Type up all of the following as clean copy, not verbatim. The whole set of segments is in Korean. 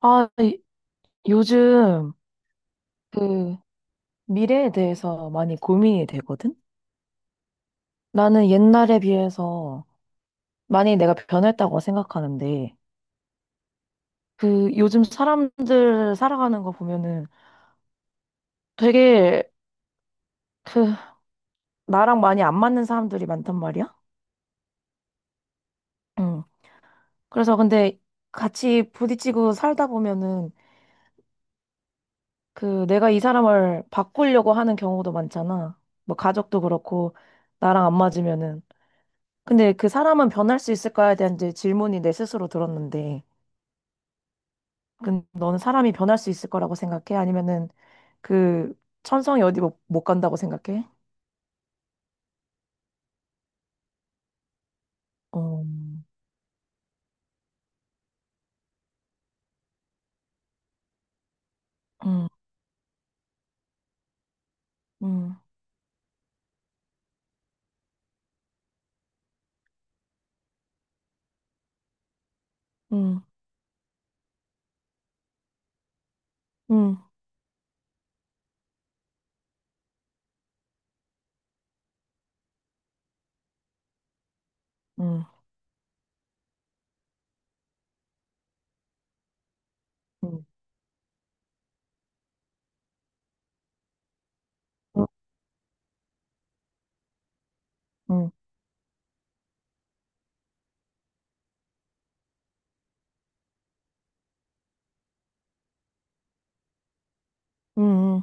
아, 요즘 그 미래에 대해서 많이 고민이 되거든? 나는 옛날에 비해서 많이 내가 변했다고 생각하는데, 그 요즘 사람들 살아가는 거 보면은 되게 그 나랑 많이 안 맞는 사람들이 많단 말이야? 응. 그래서 근데 같이 부딪히고 살다 보면은 그 내가 이 사람을 바꾸려고 하는 경우도 많잖아. 뭐 가족도 그렇고 나랑 안 맞으면은. 근데 그 사람은 변할 수 있을까에 대한 이제 질문이 내 스스로 들었는데, 근 너는 사람이 변할 수 있을 거라고 생각해? 아니면은 그 천성이 어디 못, 못 간다고 생각해? 어, 음, 음, 음, 음, 음, 음, 음, 음, 음,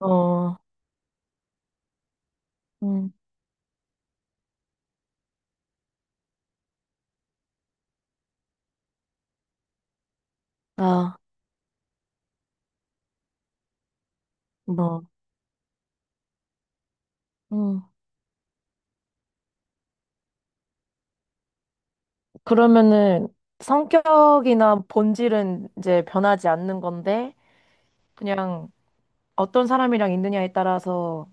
어, 음, 아, 뭐, 음. 그러면은 성격이나 본질은 이제 변하지 않는 건데, 그냥 어떤 사람이랑 있느냐에 따라서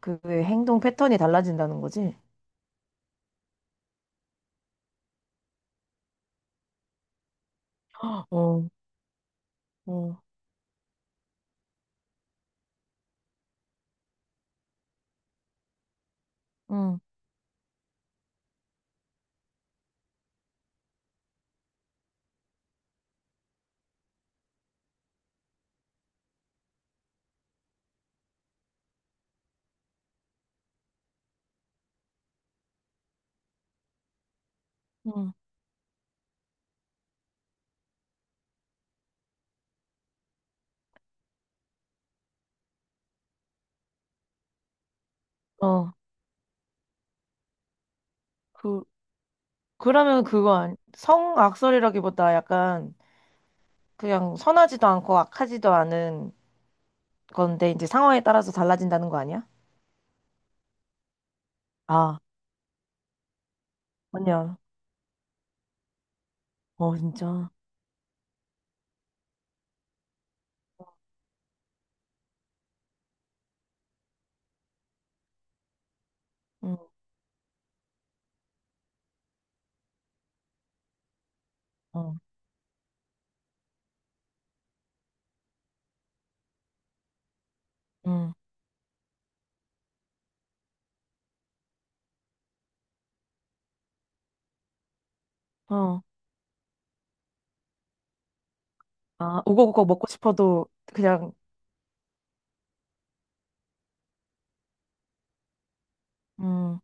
그 행동 패턴이 달라진다는 거지? 어, 어, 응, 응. 어. 그, 그러면 그거 아니, 성악설이라기보다 약간 그냥 선하지도 않고 악하지도 않은 건데 이제 상황에 따라서 달라진다는 거 아니야? 아, 아니야. 어, 진짜. 응, 어, 응. 어, 아, 우거우거 먹고 싶어도 그냥, 음.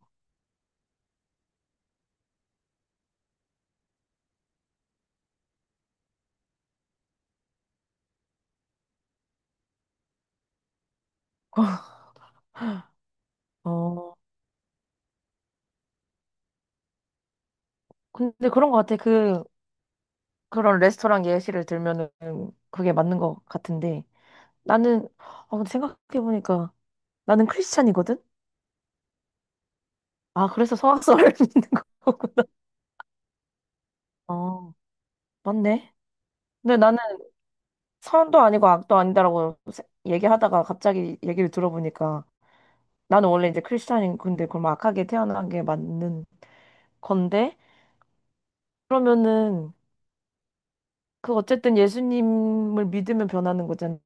어, 근데 그런 거 같아. 그런 레스토랑 예시를 들면은 그게 맞는 것 같은데. 나는, 아, 근데 생각해보니까 나는 크리스찬이거든? 아, 그래서 성악설을 믿는 거고. 아, 맞네. 근데 나는 선도 아니고 악도 아니다라고 얘기하다가 갑자기 얘기를 들어보니까 나는 원래 이제 크리스찬인 근데 그럼 악하게 태어난 게 맞는 건데 그러면은 그 어쨌든 예수님을 믿으면 변하는 거잖아.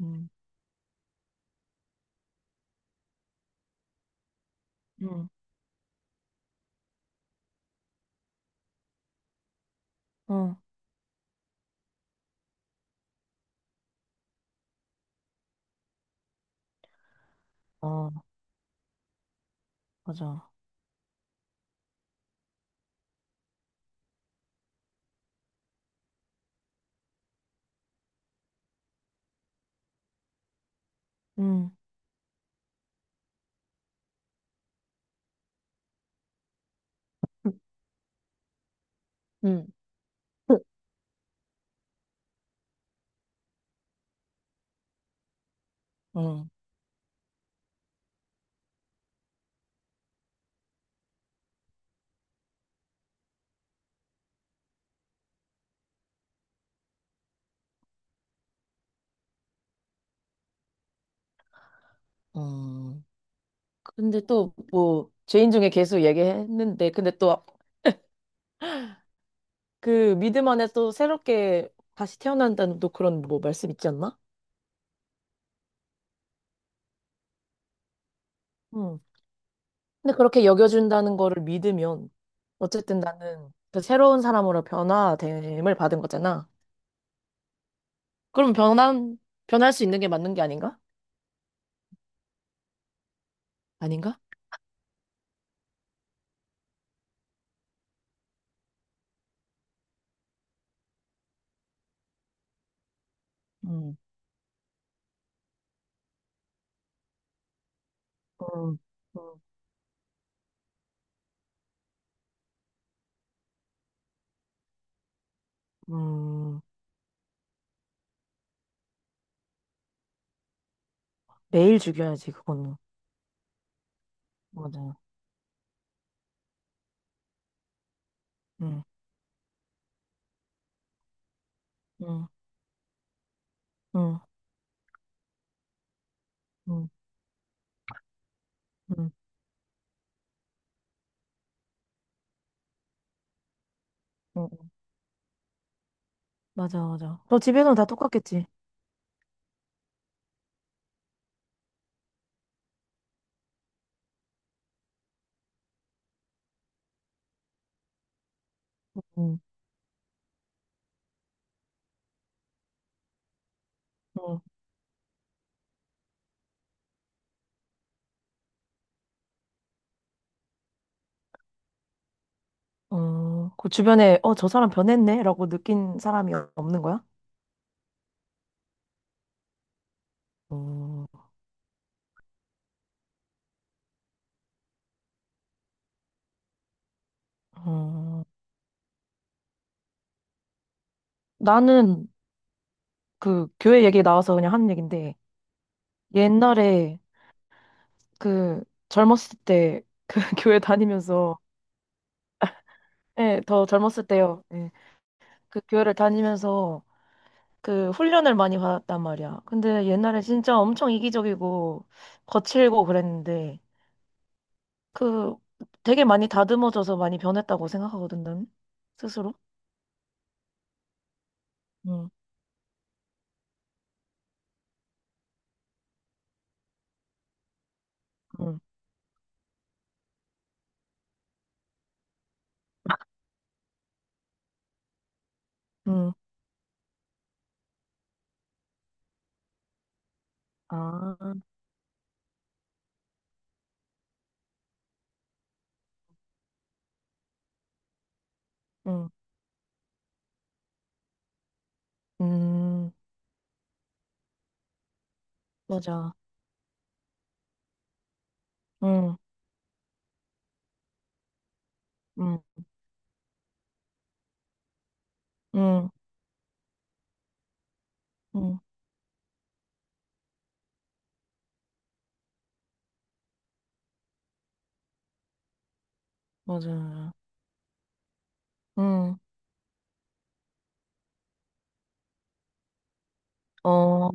음, 응, 응, 아, 맞아. 응, 음. 음. 음. 근데 또 뭐 죄인 중에 계속 얘기했는데 근데 또 그 믿음 안에 또 새롭게 다시 태어난다는 또 그런 뭐 말씀 있지 않나? 응. 근데 그렇게 여겨준다는 거를 믿으면 어쨌든 나는 그 새로운 사람으로 변화됨을 받은 거잖아. 그럼 변한 변할 수 있는 게 맞는 게 아닌가? 아닌가? 음, 음, 음, 음. 매일 죽여야지 그거는. 맞아. 응, 응, 응, 응, 응. 맞아, 맞아. 너 집에서는 다 똑같겠지. 응, 어, 그 주변에, 어, 저 사람 변했네? 라고 느낀 사람이 없는 거야? 어, 어, 나는 그 교회 얘기 나와서 그냥 하는 얘긴데, 옛날에 그 젊었을 때, 그 교회 다니면서, 예, 더 젊었을 때요. 예, 그 교회를 다니면서 그 훈련을 많이 받았단 말이야. 근데 옛날에 진짜 엄청 이기적이고 거칠고 그랬는데, 그 되게 많이 다듬어져서 많이 변했다고 생각하거든, 난 스스로. 응, 응, 응. 아, 응, 음, 맞아. 응, 응, 응, 응, 맞아. 응, 어,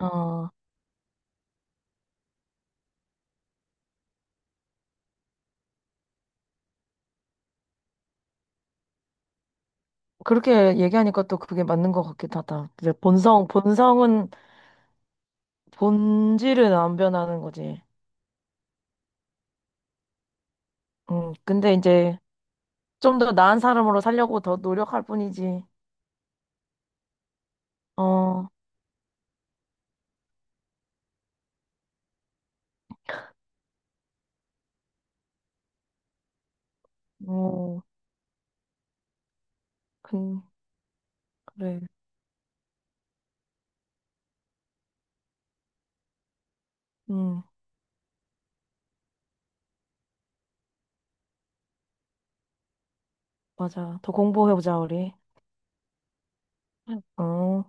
어, 그렇게 얘기하니까 또 그게 맞는 것 같기도 하다. 이제 본성은, 본질은 안 변하는 거지. 응, 근데 이제 좀 더 나은 사람으로 살려고 더 노력할 뿐이지. 어, 어, 그, 그래. 응, 맞아. 더 공부해보자, 우리. 어.